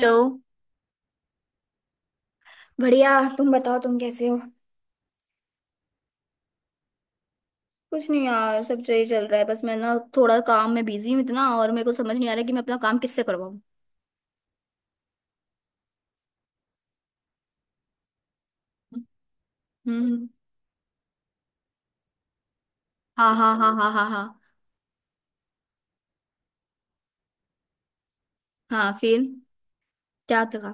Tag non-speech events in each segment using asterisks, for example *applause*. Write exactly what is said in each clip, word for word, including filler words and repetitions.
Hello. बढ़िया। तुम बताओ, तुम कैसे हो? कुछ नहीं यार, सब सही चल रहा है। बस मैं ना थोड़ा काम में बिजी हूँ इतना, और मेरे को समझ नहीं आ रहा कि मैं अपना काम किससे करवाऊँ। हम्म। हाँ, हाँ, हाँ, हाँ, हाँ, हाँ, हाँ। फिर क्या था?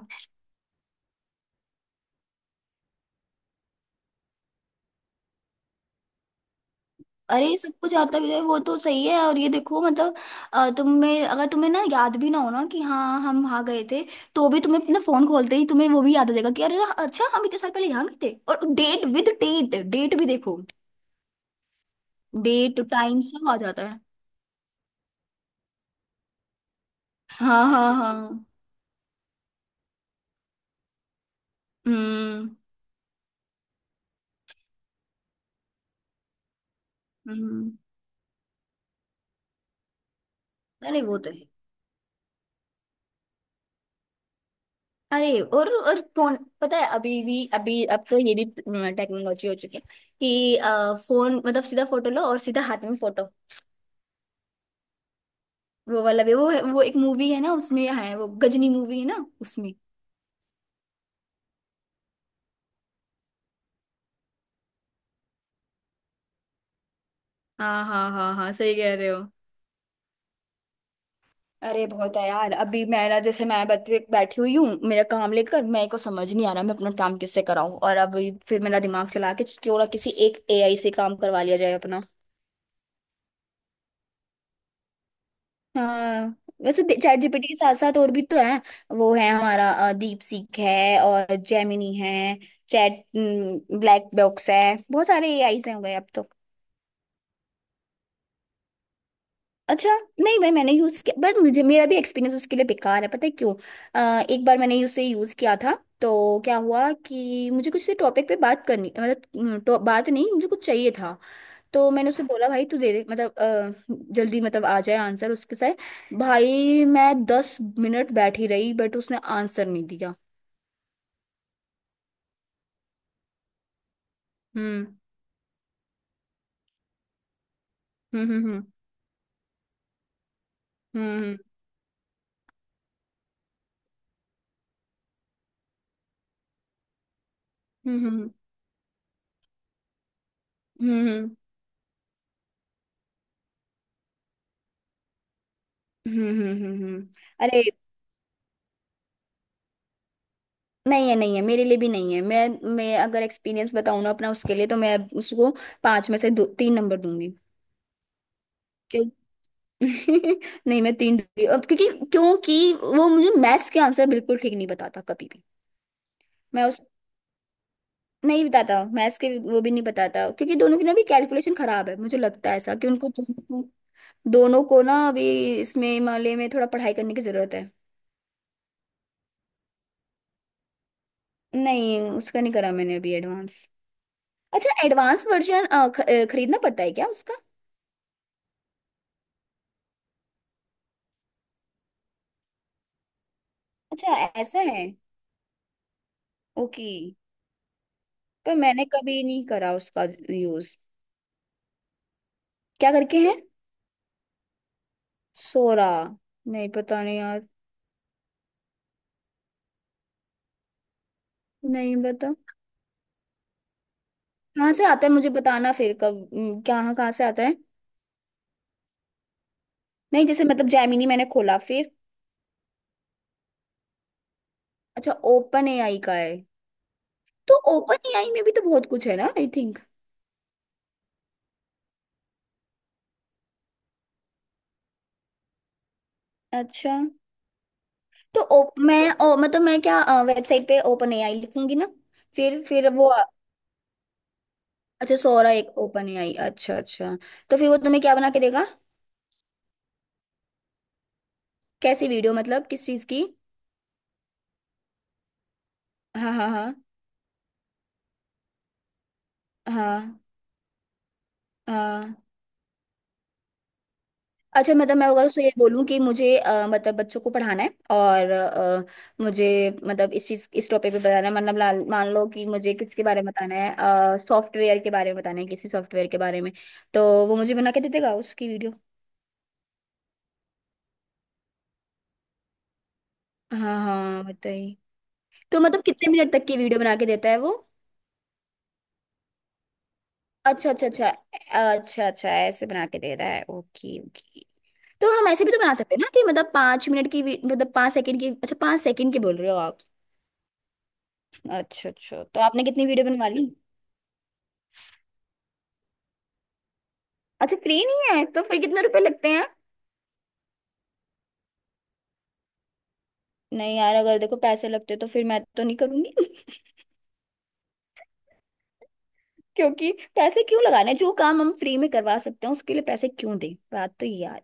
अरे, सब कुछ आता भी है, वो तो सही है। और ये देखो मतलब, अ, तुम्हें, अगर तुम्हें ना याद भी ना हो ना कि हाँ हम वहाँ गए थे, तो भी तुम्हें अपना फोन खोलते ही तुम्हें वो भी याद हो जाएगा कि अरे, अच्छा हम इतने साल पहले यहाँ गए थे। और डेट विद डेट डेट भी देखो, डेट टाइम सब आ जाता है। हाँ, हाँ, हाँ। हम्म, हम्म। अरे वो तो है। अरे और और फोन, पता है अभी भी अभी अब तो ये भी टेक्नोलॉजी हो चुकी है कि अ, फोन मतलब सीधा फोटो लो और सीधा हाथ में फोटो। वो वाला भी वो है, वो एक मूवी है ना उसमें है, वो गजनी मूवी है ना उसमें। हाँ, हाँ, हाँ, हाँ, सही कह रहे हो। अरे बहुत है यार। अभी मेरा, जैसे मैं बैठी बैठी हुई हूँ मेरा काम लेकर, मेरे को समझ नहीं आ रहा मैं अपना काम किससे कराऊं। और अब फिर मेरा दिमाग चला के क्यों ना किसी एक एआई से काम करवा लिया जाए अपना। हाँ। वैसे चैट जीपीटी के साथ साथ और भी तो हैं। वो है हमारा अ, दीप सीख है और जेमिनी है। चैट ब्लैक बॉक्स है। बहुत सारे एआईज हैं हो गए अब तो। अच्छा। नहीं भाई मैंने यूज किया, बट मुझे, मेरा भी एक्सपीरियंस उसके लिए बेकार है, पता है क्यों? अ, एक बार मैंने उसे यूज किया था, तो क्या हुआ कि मुझे कुछ से टॉपिक पे बात करनी मतलब, तो बात नहीं, मुझे कुछ चाहिए था। तो मैंने उसे बोला भाई तू दे दे मतलब अ, जल्दी मतलब आ जाए आंसर, उसके साथ भाई मैं दस मिनट बैठी रही बट उसने आंसर नहीं दिया। हम्म, हम्म, हम्म, हम्म, हम्म, हम्म, हम्म, हम्म, हम्म, हम्म, हम्म, हम्म, हम्म, हम्म, हम्म। अरे। नहीं है, नहीं है मेरे लिए भी नहीं है। मैं मैं अगर एक्सपीरियंस बताऊँ ना अपना उसके लिए, तो मैं उसको पाँच में से दो तीन नंबर दूंगी। क्यों? *laughs* नहीं मैं तीन दूंगी अब, क्योंकि क्योंकि वो मुझे मैथ्स के आंसर बिल्कुल ठीक नहीं बताता कभी भी। मैं उस नहीं बताता। मैथ्स के भी- वो भी नहीं बताता क्योंकि दोनों की ना भी कैलकुलेशन खराब है, मुझे लगता है ऐसा, कि उनको दोनों दोनों को ना अभी इसमें मामले में थोड़ा पढ़ाई करने की जरूरत है। नहीं उसका नहीं करा मैंने अभी एडवांस। अच्छा एडवांस वर्जन खरीदना पड़ता है क्या उसका? अच्छा, ऐसा है। ओके। पर मैंने कभी नहीं करा उसका यूज। क्या करके है? सोरा? नहीं, पता नहीं यार। नहीं बता, कहाँ से आता है मुझे बताना फिर कब। हम्म, कहाँ कहाँ से आता है। नहीं जैसे मतलब जैमिनी मैंने खोला फिर। अच्छा, ओपन एआई का है। तो ओपन एआई में भी तो बहुत कुछ है ना आई थिंक। अच्छा। तो ओप मैं ओ, मतलब मैं क्या, वेबसाइट पे ओपन एआई लिखूंगी ना? फिर फिर वो आ- अच्छा सोरा एक ओपन एआई, अच्छा, अच्छा। तो फिर वो तुम्हें क्या बना के देगा? कैसी वीडियो मतलब, किस चीज की? हाँ, हाँ, हाँ, हाँ, हाँ। अच्छा मतलब मैं अगर उसको ये बोलूँ कि मुझे अ, मतलब बच्चों को पढ़ाना है, और अ, मुझे मतलब इस चीज़ इस टॉपिक पे बताना है मतलब ला- मान लो कि मुझे किसके बारे में बताना है, सॉफ्टवेयर के बारे में बताना है किसी सॉफ्टवेयर के बारे में, तो वो मुझे बना के दे देगा उसकी वीडियो। हाँ, हाँ बताइए। तो मतलब कितने मिनट तक की वीडियो बना के देता है वो? अच्छा, अच्छा, अच्छा, अच्छा, अच्छा, ऐसे बना के दे रहा है। Okay, okay. तो हम ऐसे भी तो बना सकते हैं ना कि मतलब पाँच मिनट की वी- मतलब पाँच सेकंड की। अच्छा पाँच सेकंड की बोल रहे हो आप? अच्छा, अच्छा। तो आपने कितनी वीडियो बनवा ली? अच्छा फ्री नहीं है? तो फिर कितने रुपए लगते हैं? नहीं यार अगर देखो पैसे लगते तो फिर मैं तो नहीं करूंगी। *laughs* क्योंकि पैसे क्यों लगाने, जो काम हम फ्री में करवा सकते हैं उसके लिए पैसे क्यों दें, बात तो ये यार।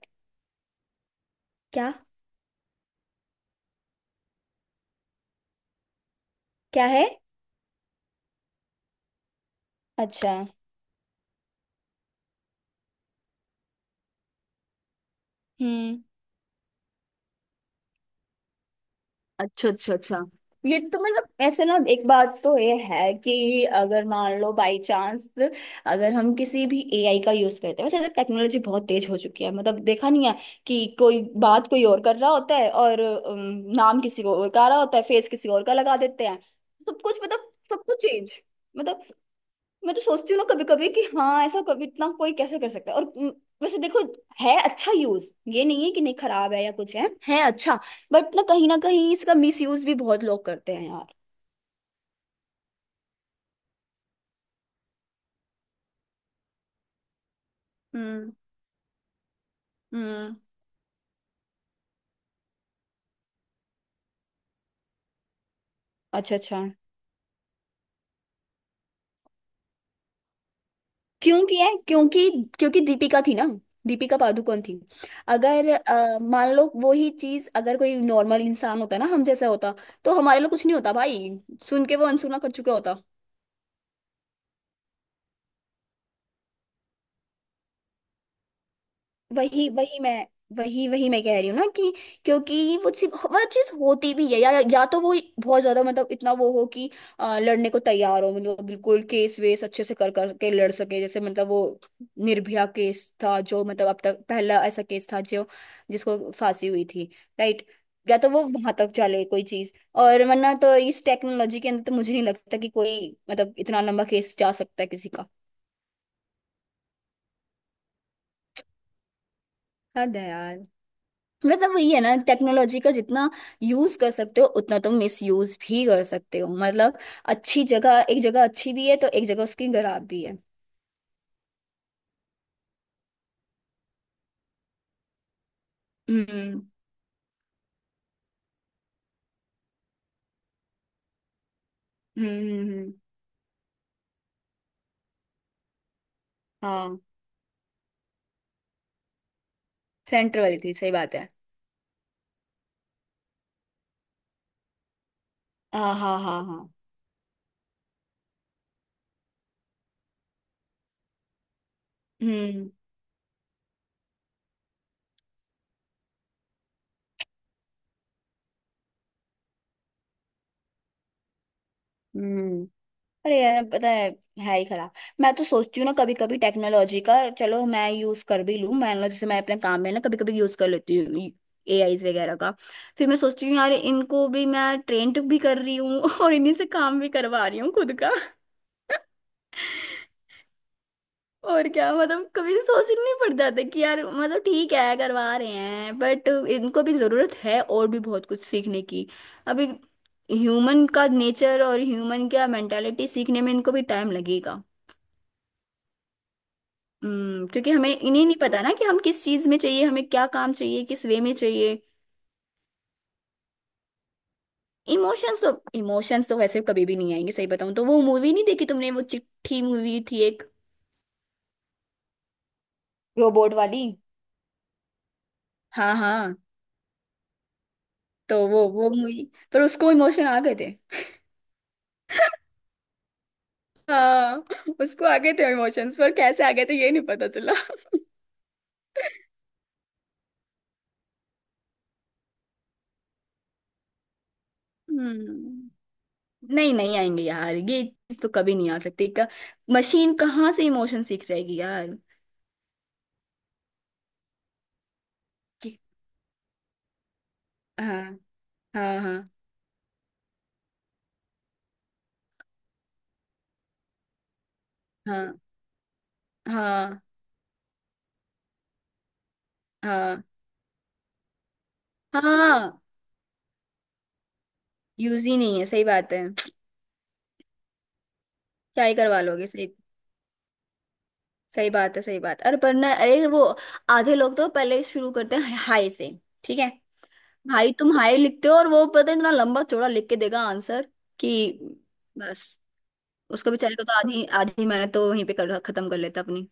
क्या? क्या है? अच्छा। हम्म। अच्छा, अच्छा, अच्छा। ये तो मतलब ऐसे ना, एक बात तो ये है कि अगर मान लो बाय चांस, अगर हम किसी भी एआई का यूज करते हैं, वैसे टेक्नोलॉजी बहुत तेज हो चुकी है मतलब देखा नहीं है, कि कोई बात कोई और कर रहा होता है और अम, नाम किसी को और का रहा होता है, फेस किसी और का लगा देते हैं, सब कुछ मतलब सब कुछ चेंज मतलब। मैं तो सोचती हूँ ना कभी कभी कि हाँ, ऐसा कभी इतना कोई कैसे कर सकता है? और उम, वैसे देखो, है अच्छा यूज, ये नहीं है कि नहीं खराब है या कुछ, है है अच्छा, बट ना कहीं ना कहीं इसका मिस यूज भी बहुत लोग करते हैं यार। हम्म, हम्म। अच्छा, अच्छा। क्यों किया है? क्योंकि, क्योंकि दीपिका थी ना, दीपिका पादुकोण थी। अगर अ, मान लो वो ही चीज अगर कोई नॉर्मल इंसान होता ना, हम जैसा होता, तो हमारे लिए कुछ नहीं होता भाई, सुन के वो अनसुना कर चुका होता। वही वही मैं वही वही मैं कह रही हूँ ना, कि क्योंकि वो सिर्फ वह चीज होती भी है, या या तो वो बहुत ज्यादा मतलब इतना वो हो कि अ, लड़ने को तैयार हो, मतलब बिल्कुल केस वेस अच्छे से कर कर के लड़ सके, जैसे मतलब वो निर्भया केस था जो, मतलब अब तक पहला ऐसा केस था जो, जिसको फांसी हुई थी, राइट? या तो वो वहां तक चले कोई चीज, और वरना तो इस टेक्नोलॉजी के अंदर तो मुझे नहीं लगता कि कोई मतलब इतना लंबा केस जा सकता है किसी का। हद है यार। मतलब वही है ना टेक्नोलॉजी का, जितना यूज कर सकते हो उतना तुम मिस यूज भी कर सकते हो मतलब। अच्छी जगह एक जगह अच्छी भी है तो एक जगह उसकी खराब भी है। हम्म, हम्म, हम्म, हम्म। हाँ, सेंटर वाली थी, सही बात है। हाँ, हाँ, हाँ, हाँ। हम्म, हम्म। अरे यार पता है है ही खराब। मैं तो सोचती हूँ ना कभी कभी टेक्नोलॉजी का, चलो मैं यूज कर भी लूँ, मैं जैसे मैं अपने काम में ना कभी कभी यूज कर लेती हूँ एआई वगैरह का, फिर मैं सोचती हूँ यार इनको भी मैं ट्रेंड भी कर रही हूँ *laughs* और इन्हीं से काम भी करवा रही हूँ खुद का। और क्या मतलब, कभी सोचना नहीं पड़ता था कि यार मतलब ठीक है करवा रहे हैं, बट इनको भी जरूरत है और भी बहुत कुछ सीखने की अभी। ह्यूमन का नेचर और ह्यूमन का मेंटालिटी सीखने में इनको भी टाइम लगेगा। हम्म। क्योंकि हमें इन्हें नहीं पता ना कि हम किस चीज में चाहिए, हमें क्या काम चाहिए, किस वे में चाहिए। इमोशंस तो इमोशंस तो वैसे कभी भी नहीं आएंगे। सही बताऊं तो वो मूवी नहीं देखी तुमने, वो चिट्ठी मूवी थी एक, रोबोट वाली? हाँ, हाँ। तो वो वो मूवी, पर उसको इमोशन आ गए थे। हाँ, उसको आ गए थे इमोशंस, पर कैसे आ गए थे ये नहीं पता चला। हम्म। नहीं, नहीं आएंगे यार ये चीज तो कभी नहीं आ सकती। क- मशीन कहाँ से इमोशन सीख जाएगी यार। कि- हाँ, हाँ, हाँ, हाँ, हाँ, हाँ, हाँ। यूज ही नहीं है, सही बात है। क्या ही करवा लोगे, सही। सही बात है, सही बात। अरे पर ना, अरे वो आधे लोग तो पहले ही शुरू करते हैं हाय से। ठीक है भाई तुम हाय लिखते हो, और वो पता है इतना लंबा चौड़ा लिख के देगा आंसर कि बस। उसको बेचारे को तो आधी आधी मेहनत तो वहीं पे कर खत्म कर लेता अपनी।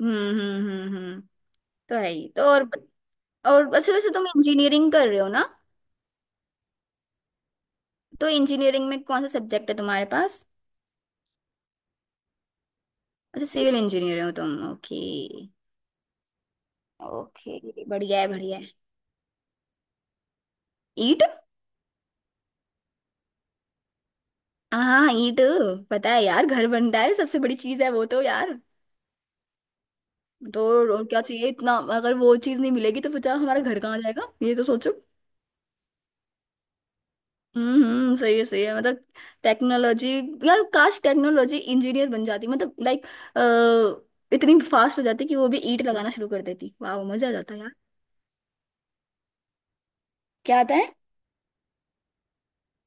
हम्म, हम्म, हम्म, हम्म। तो है ही तो। और और अच्छा वैसे तुम इंजीनियरिंग कर रहे हो ना। तो इंजीनियरिंग में कौन सा सब्जेक्ट है तुम्हारे पास? अच्छा सिविल इंजीनियर हो तुम। ओके। ओके, बढ़िया है, बढ़िया है। ईंट। हाँ, ईंट। पता है यार घर बनता है सबसे बड़ी चीज है वो तो यार। तो और क्या चाहिए इतना, अगर वो चीज नहीं मिलेगी तो बचा हमारा घर कहाँ जाएगा, ये तो सोचो। हम्म, हम्म, सही है, सही है। मतलब टेक्नोलॉजी, यार काश टेक्नोलॉजी इंजीनियर बन जाती मतलब लाइक इतनी फास्ट हो जाती कि वो भी ईंट लगाना शुरू कर देती, वाह मजा आ जाता यार। क्या आता है?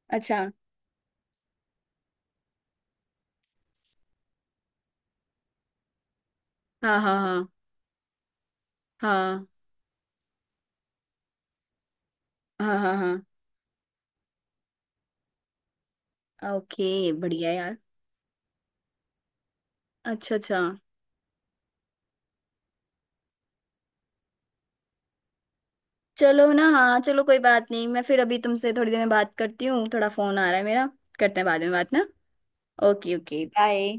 अच्छा। हाँ, हाँ, हाँ, हाँ, हाँ, हाँ, हाँ, हाँ, ओके बढ़िया यार। अच्छा, अच्छा। चलो ना, हाँ चलो कोई बात नहीं, मैं फिर अभी तुमसे थोड़ी देर में बात करती हूँ, थोड़ा फोन आ रहा है मेरा, करते हैं बाद में बात ना। Okay, okay bye.